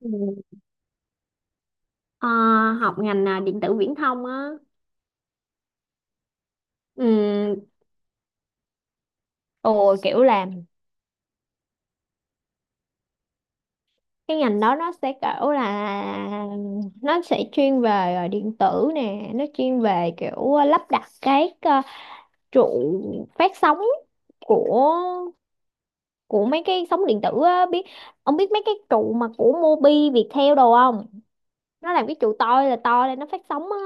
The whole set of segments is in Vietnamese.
Ừ. Ờ, học ngành à, điện tử viễn thông á. Ừ, ồ kiểu là cái ngành đó nó sẽ kiểu là nó sẽ chuyên về điện tử nè, nó chuyên về kiểu lắp đặt cái trụ phát sóng của của mấy cái sóng điện tử á, ông biết mấy cái trụ mà của Mobi Viettel đồ không? Nó làm cái trụ to là to lên nó phát sóng á,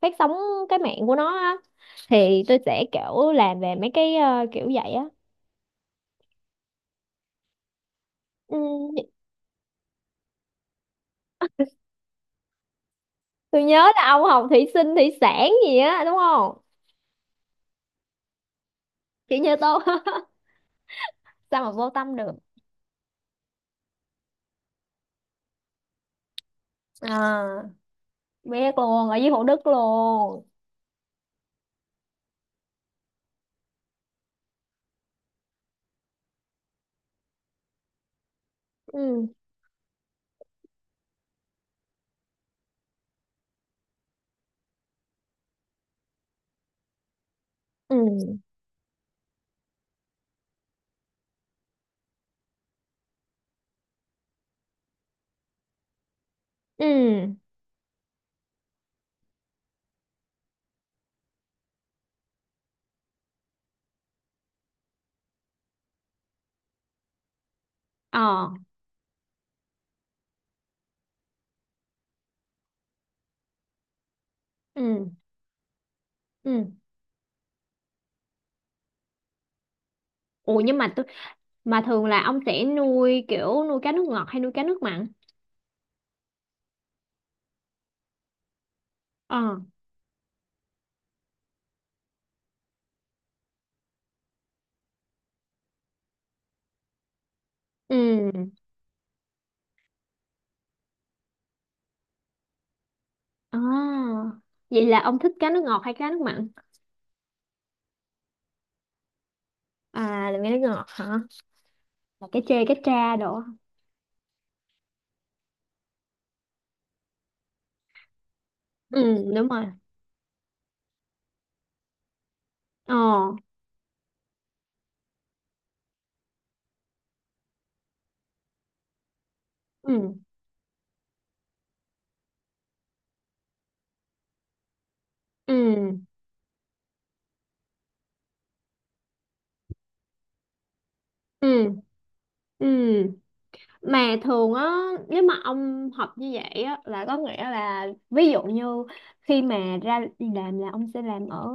phát sóng cái mạng của nó á. Thì tôi sẽ kiểu làm về mấy cái kiểu vậy á. Ừ, tôi nhớ là ông học thủy sinh thủy sản gì á đúng không? Chỉ như tôi. Sao mà vô tâm được. À, biết luôn, ở dưới Thủ Đức luôn. Ừ. Ừ. Ừ. Ờ. Ừ. Ừ. Ủa nhưng mà mà thường là ông sẽ nuôi kiểu nuôi cá nước ngọt hay nuôi cá nước mặn? Ờ. Ừ. À, vậy là ông thích cá nước ngọt hay cá nước mặn? À, là cá nước ngọt hả? Là cá chê cá tra đồ hả? Ừ, đúng rồi. Ờ. Ừ. Ừ. Ừ. Ừ, mà thường á, nếu mà ông học như vậy á là có nghĩa là, ví dụ như khi mà ra đi làm, là ông sẽ làm ở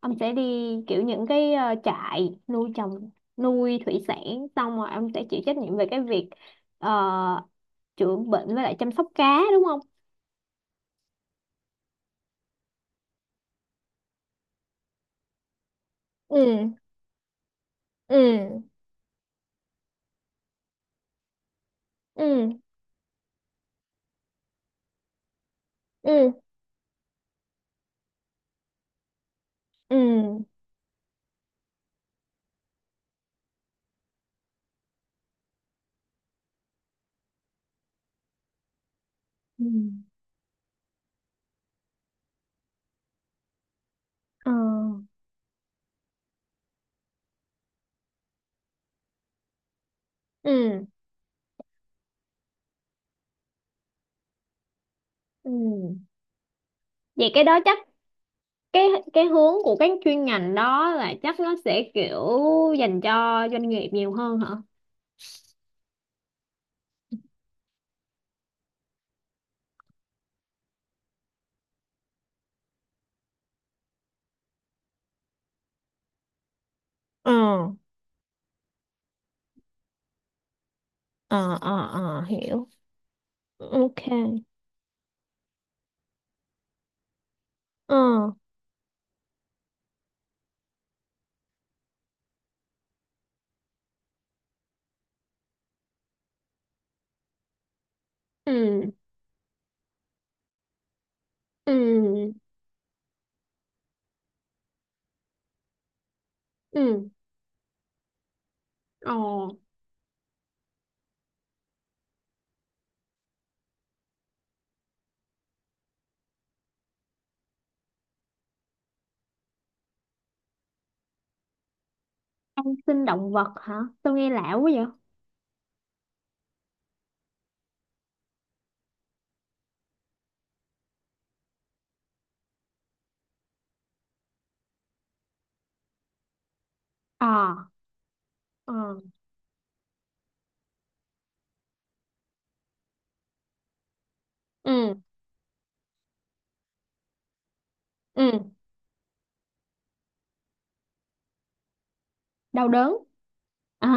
ông sẽ đi kiểu những cái trại nuôi trồng, nuôi thủy sản, xong rồi ông sẽ chịu trách nhiệm về cái việc uh, chữa bệnh với lại chăm sóc cá đúng không? Ừ. Ừ. Ừ. Ừ. Ừ. Ừ. Ờ. Ừ. Ừ, vậy cái đó chắc cái cái hướng của các chuyên ngành đó là chắc nó sẽ kiểu dành cho doanh nghiệp nhiều hơn hả? Ờ, ờ, ờ, ờ, hiểu. Ok. Ờ. Ừ. Ừ. Ừ. Ồ, ăn sinh động vật hả? Tôi nghe lạ quá vậy. Ờ. Ờ. Ừ. Ừ, đau đớn. À,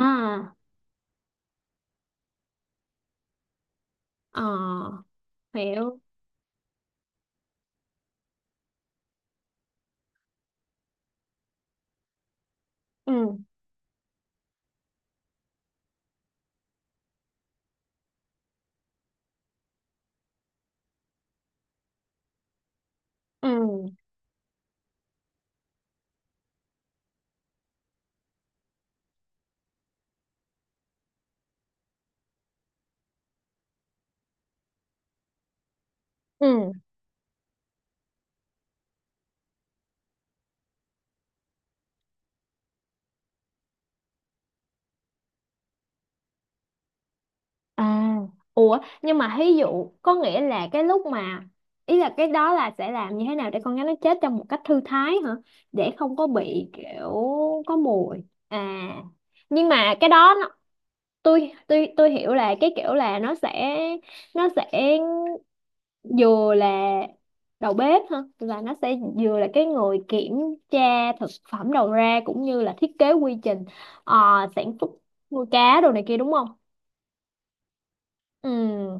ờ, hiểu. Ừ. Ừ. Ừ. À, ủa nhưng mà ví dụ có nghĩa là cái lúc mà ý là cái đó là sẽ làm như thế nào để con gái nó chết trong một cách thư thái hả? Để không có bị kiểu có mùi. À, nhưng mà cái đó nó, tôi hiểu là cái kiểu là nó sẽ vừa là đầu bếp hả? Là nó sẽ vừa là cái người kiểm tra thực phẩm đầu ra cũng như là thiết kế quy trình ờ, sản xuất, nuôi cá đồ này kia đúng không? Ừ.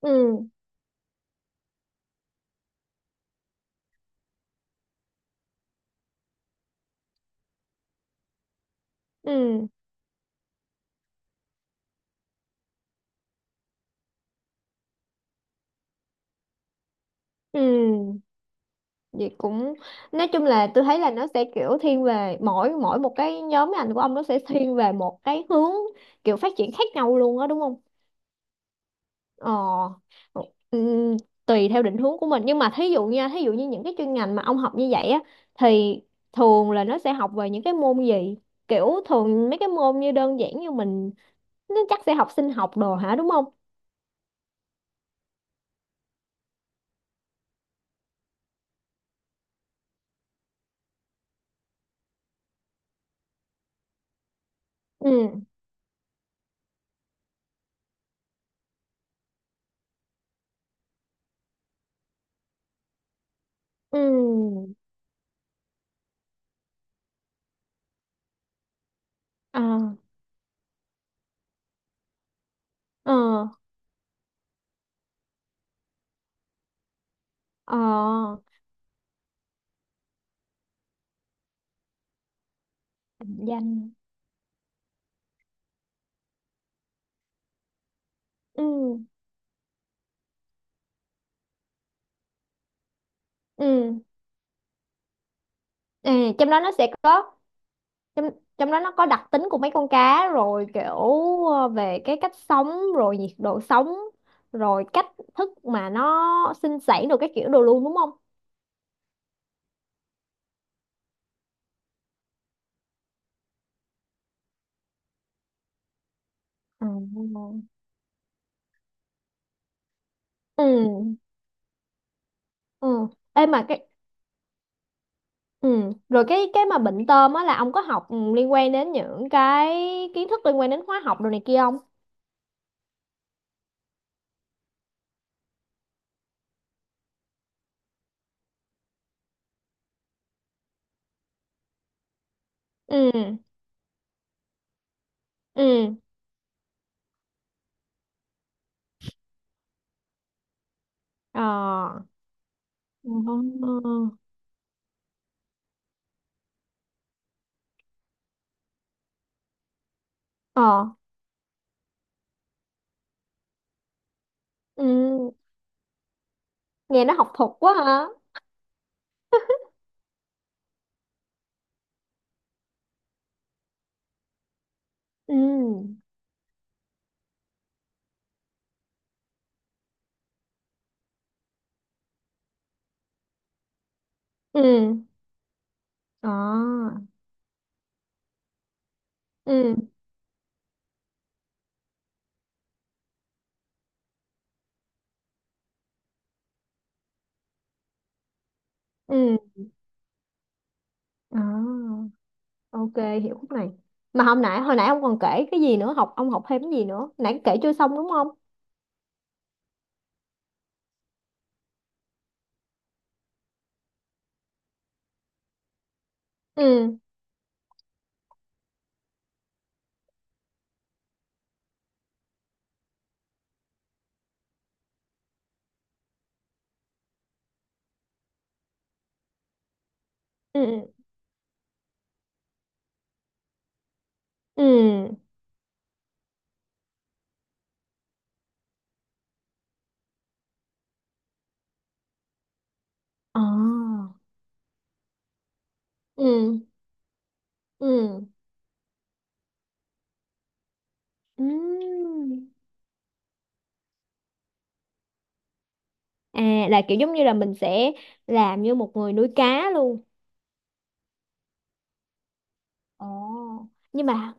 Ừ. Ừ. Ừ, vậy cũng nói chung là tôi thấy là nó sẽ kiểu thiên về mỗi mỗi một cái nhóm ngành của ông, nó sẽ thiên về một cái hướng kiểu phát triển khác nhau luôn á đúng không? Ờ, ừm, tùy theo định hướng của mình. Nhưng mà thí dụ nha, thí dụ như những cái chuyên ngành mà ông học như vậy á, thì thường là nó sẽ học về những cái môn gì? Kiểu thường mấy cái môn như đơn giản như mình, nó chắc sẽ học sinh học đồ hả đúng không? Ừ. Ừ. À. Ờ. Ờ, định danh. Ừ. Ừ. Ừ, trong đó nó sẽ có trong trong đó nó có đặc tính của mấy con cá rồi kiểu về cái cách sống, rồi nhiệt độ sống, rồi cách thức mà nó sinh sản được cái kiểu đồ luôn đúng không? Ờ. Ừ. Ừ. Ê mà cái ừ, rồi cái mà bệnh tôm á, là ông có học ừ, liên quan đến những cái kiến thức liên quan đến hóa học đồ này kia không? Ừ. Ừ. Ờ. Ờ. Ờ. Ừ, nghe nó học thuật quá hả. Ừ. Ừ. Ờ. Ừ. Ừ. Ờ. Ok, hiểu khúc này. Mà hôm nãy hồi nãy ông còn kể cái gì nữa, ông học thêm cái gì nữa nãy kể chưa xong đúng không? Ừ. Ừ. Ừ. Ờ. Ừ. Ừ. Ừ, à là kiểu giống như là mình sẽ làm như một người nuôi cá luôn. Ồ. Nhưng mà,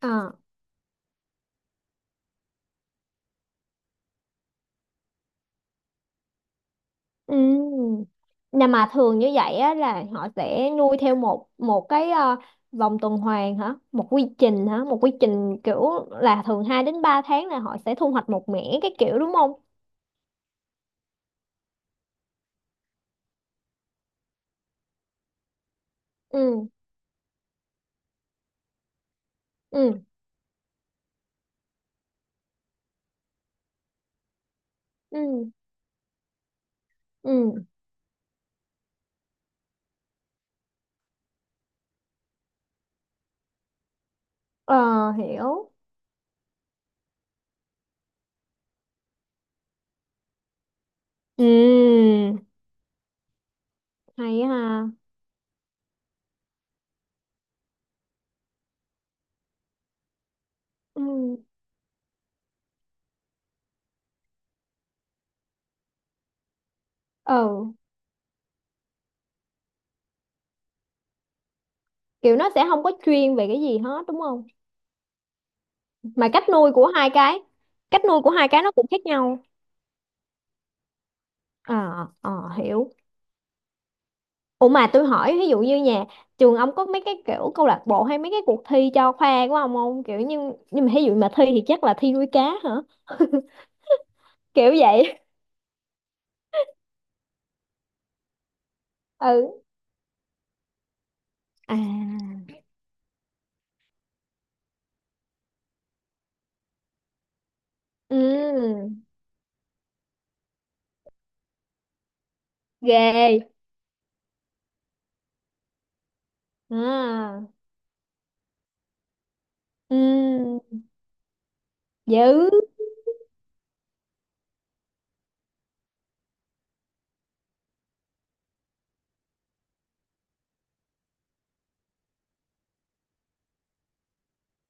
ờ. Ừ. Nè mà thường như vậy á, là họ sẽ nuôi theo một một cái vòng tuần hoàn hả? Một quy trình hả? Một quy trình kiểu là thường 2 đến 3 tháng là họ sẽ thu hoạch một mẻ cái kiểu đúng không? Ừ, ừ, ừ, ừ. Ờ, hiểu. Ừ, hay ha. Ừ. Ừ, kiểu nó sẽ không có chuyên về cái gì hết đúng không? Mà cách nuôi của hai cái nó cũng khác nhau. Ờ, ờ, hiểu. Ủa mà tôi hỏi, ví dụ như nhà trường ông có mấy cái kiểu câu lạc bộ hay mấy cái cuộc thi cho khoa của ông không? Kiểu như, nhưng mà ví dụ mà thi thì chắc là thi nuôi cá hả? Kiểu vậy. Ừ. À. Ừ. Ghê. À. Ừ. Dữ.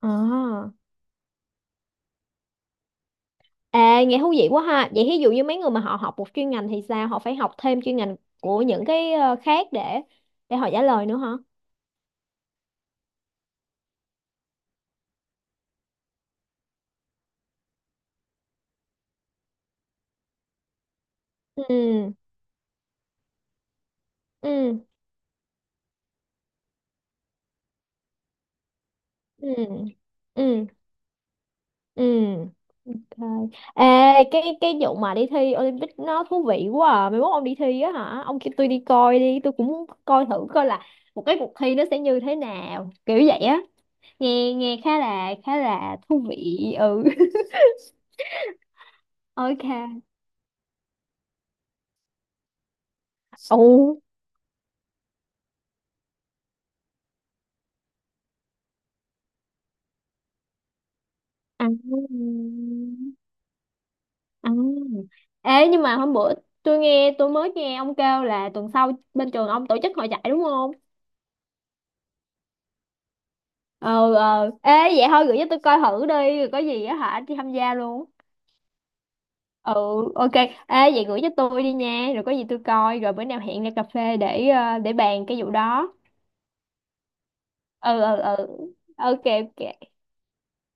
À. À, nghe thú vị quá ha. Vậy ví dụ như mấy người mà họ học một chuyên ngành thì sao? Họ phải học thêm chuyên ngành của những cái khác, để họ trả lời nữa hả? Ừ. Ừ. Ừ. Ừ. Ừ. Ok. Ê, cái vụ mà đi thi Olympic nó thú vị quá à. Mai mốt ông đi thi á hả? Ông kêu tôi đi coi đi, tôi cũng muốn coi thử coi là một cái cuộc thi nó sẽ như thế nào, kiểu vậy á. Nghe nghe khá là thú vị. Ừ. Ok. Ồ. À. À. Ê, nhưng mà hôm bữa tôi mới nghe ông kêu là tuần sau bên trường ông tổ chức hội chạy đúng không? Ờ, ờ. Ê, vậy thôi gửi cho tôi coi thử đi, rồi có gì á hả đi tham gia luôn. Ừ. Ok. Ê, vậy gửi cho tôi đi nha, rồi có gì tôi coi, rồi bữa nào hẹn ra cà phê để bàn cái vụ đó. Ừ. Ừ. Ừ. Ok. Ok.